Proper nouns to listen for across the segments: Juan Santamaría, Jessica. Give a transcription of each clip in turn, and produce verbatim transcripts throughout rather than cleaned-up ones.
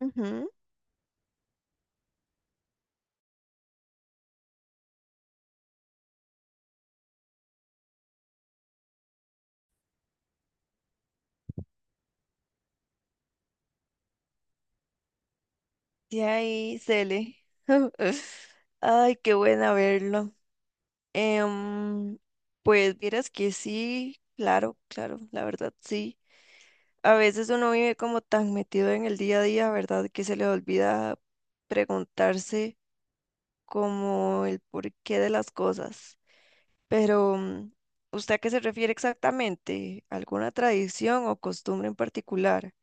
Ujú. Y ahí, Cele. Ay, qué buena verlo. Em, pues vieras que sí, claro, claro, la verdad sí. A veces uno vive como tan metido en el día a día, ¿verdad? Que se le olvida preguntarse como el porqué de las cosas. Pero, mm, ¿usted a qué se refiere exactamente? ¿Alguna tradición o costumbre en particular?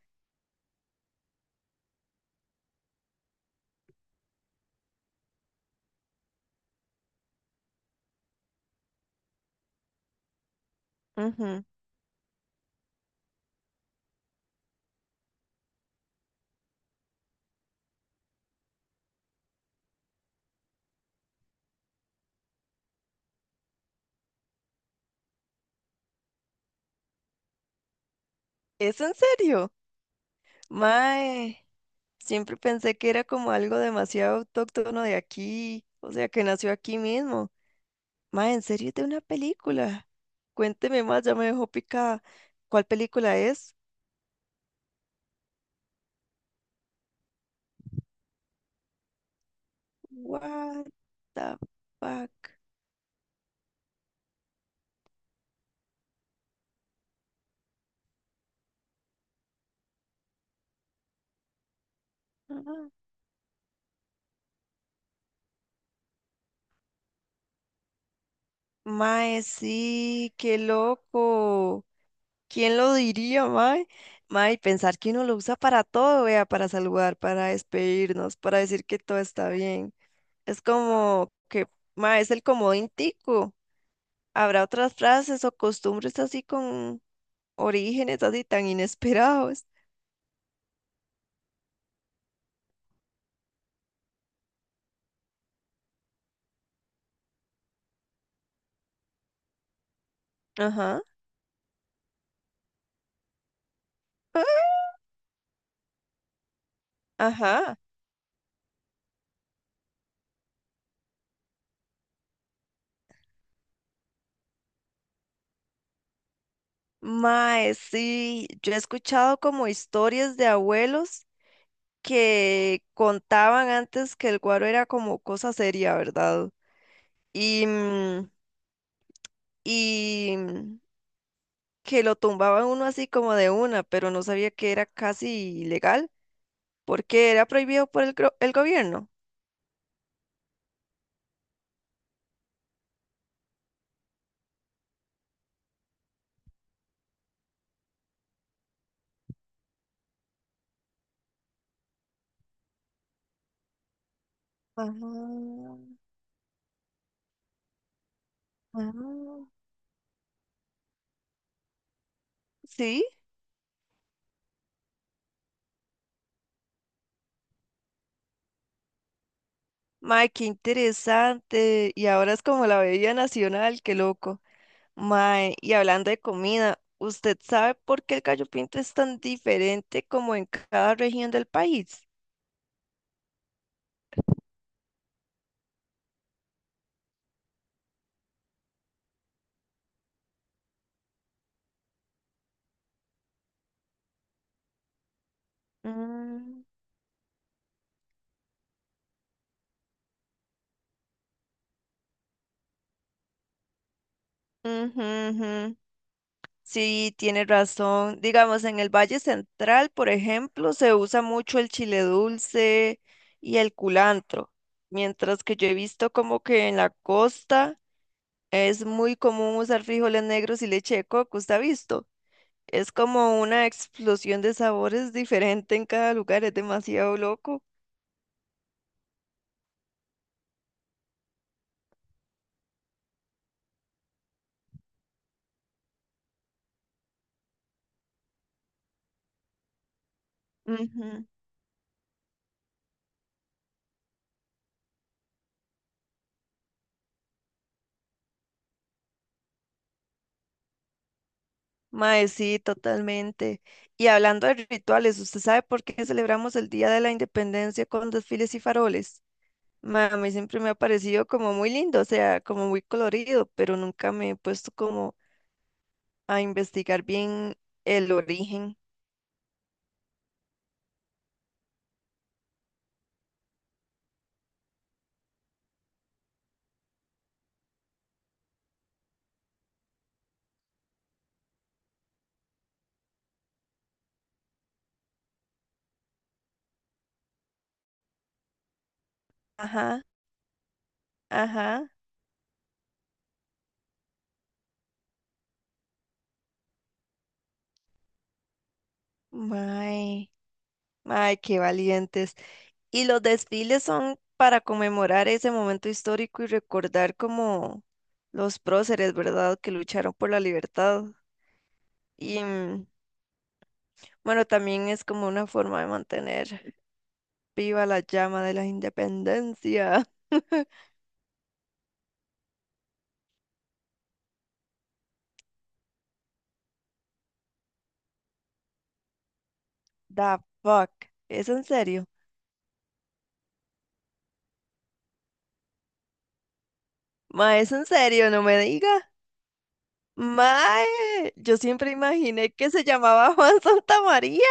Ujú. ¿Es en serio? Mae. Siempre pensé que era como algo demasiado autóctono de aquí, o sea, que nació aquí mismo. Ma, en serio, es de una película. Cuénteme más, ya me dejó picada. ¿Cuál película es? What the fuck? Ah. Mae, sí, qué loco. ¿Quién lo diría, mae? Mae, pensar que uno lo usa para todo, vea, para saludar, para despedirnos, para decir que todo está bien. Es como que, mae, es el comodín tico. Habrá otras frases o costumbres así con orígenes así tan inesperados. Ajá, ajá. Mae, sí, yo he escuchado como historias de abuelos que contaban antes que el guaro era como cosa seria, ¿verdad? Y, mm, y mm, que lo tumbaban uno así como de una, pero no sabía que era casi ilegal porque era prohibido por el, gro- el gobierno. Ajá, ajá. Sí. Mae, qué interesante. Y ahora es como la bebida nacional, qué loco. Mae, y hablando de comida, ¿usted sabe por qué el gallo pinto es tan diferente como en cada región del país? Mm, ujú, ujú. Sí, tiene razón. Digamos, en el Valle Central, por ejemplo, se usa mucho el chile dulce y el culantro, mientras que yo he visto como que en la costa es muy común usar frijoles negros y leche de coco. ¿Usted ha visto? Es como una explosión de sabores diferente en cada lugar, es demasiado loco. Ujú. Mae, sí, totalmente. Y hablando de rituales, ¿usted sabe por qué celebramos el Día de la Independencia con desfiles y faroles? Mae, a mí siempre me ha parecido como muy lindo, o sea, como muy colorido, pero nunca me he puesto como a investigar bien el origen. Ajá, ajá. Mae. Ay, qué valientes. Y los desfiles son para conmemorar ese momento histórico y recordar como los próceres, ¿verdad? Que lucharon por la libertad. Y mm, bueno, también es como una forma de mantener viva la llama de la independencia. The fuck. ¿Es en serio? Ma, es en serio, no me diga. Ma, yo siempre imaginé que se llamaba Juan Santamaría.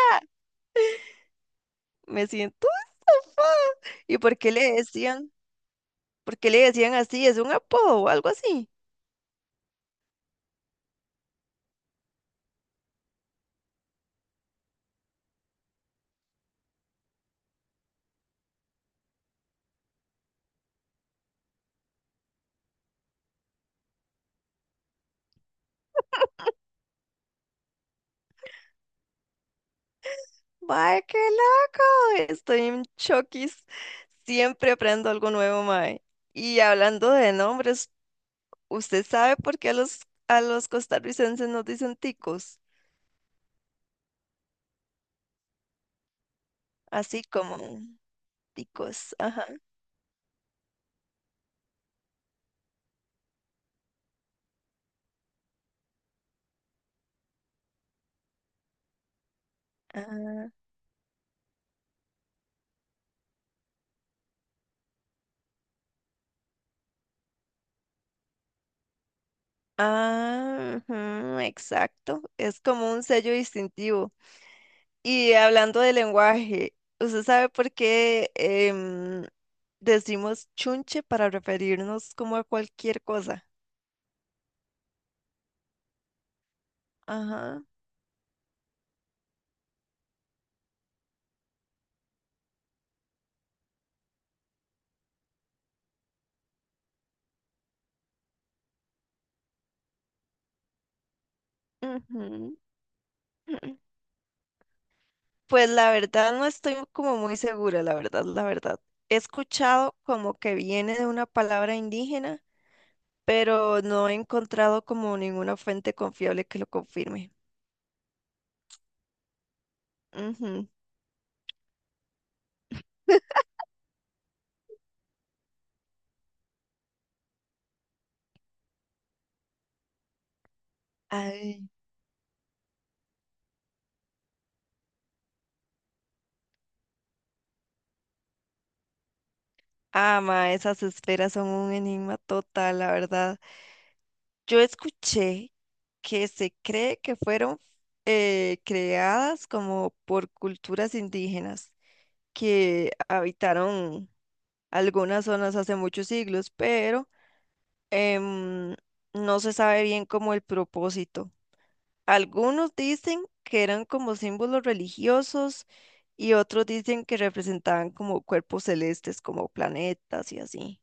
Me siento estafada. ¿Y por qué le decían? ¿Por qué le decían así? ¿Es un apodo o algo así? ¡Mae, qué loco! Estoy en choquis. Siempre aprendo algo nuevo, mae. Y hablando de nombres, ¿usted sabe por qué a los, a los costarricenses nos dicen ticos? Así como ticos, ajá. Ah, ah, ujú, exacto. Es como un sello distintivo. Y hablando de lenguaje, ¿usted sabe por qué em, decimos chunche para referirnos como a cualquier cosa? Ajá. ujú. Pues la verdad no estoy como muy segura, la verdad, la verdad. He escuchado como que viene de una palabra indígena, pero no he encontrado como ninguna fuente confiable que lo confirme. Ujú. Ay. Ah, ma, esas esferas son un enigma total, la verdad. Yo escuché que se cree que fueron eh, creadas como por culturas indígenas que habitaron algunas zonas hace muchos siglos, pero em, no se sabe bien cómo el propósito. Algunos dicen que eran como símbolos religiosos y otros dicen que representaban como cuerpos celestes, como planetas y así.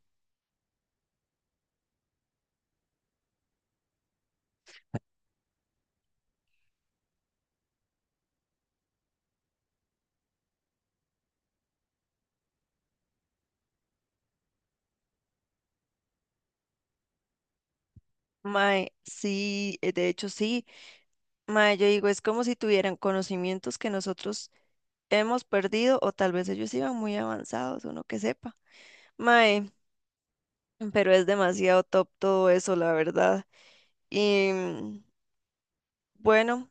Mae, sí, eh, de hecho sí. Mae, yo digo, es como si tuvieran conocimientos que nosotros hemos perdido o tal vez ellos iban muy avanzados, uno que sepa. Mae, pero es demasiado top todo eso, la verdad. Y mm, bueno,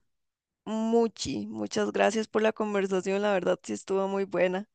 Muchi, muchas gracias por la conversación, la verdad sí estuvo muy buena.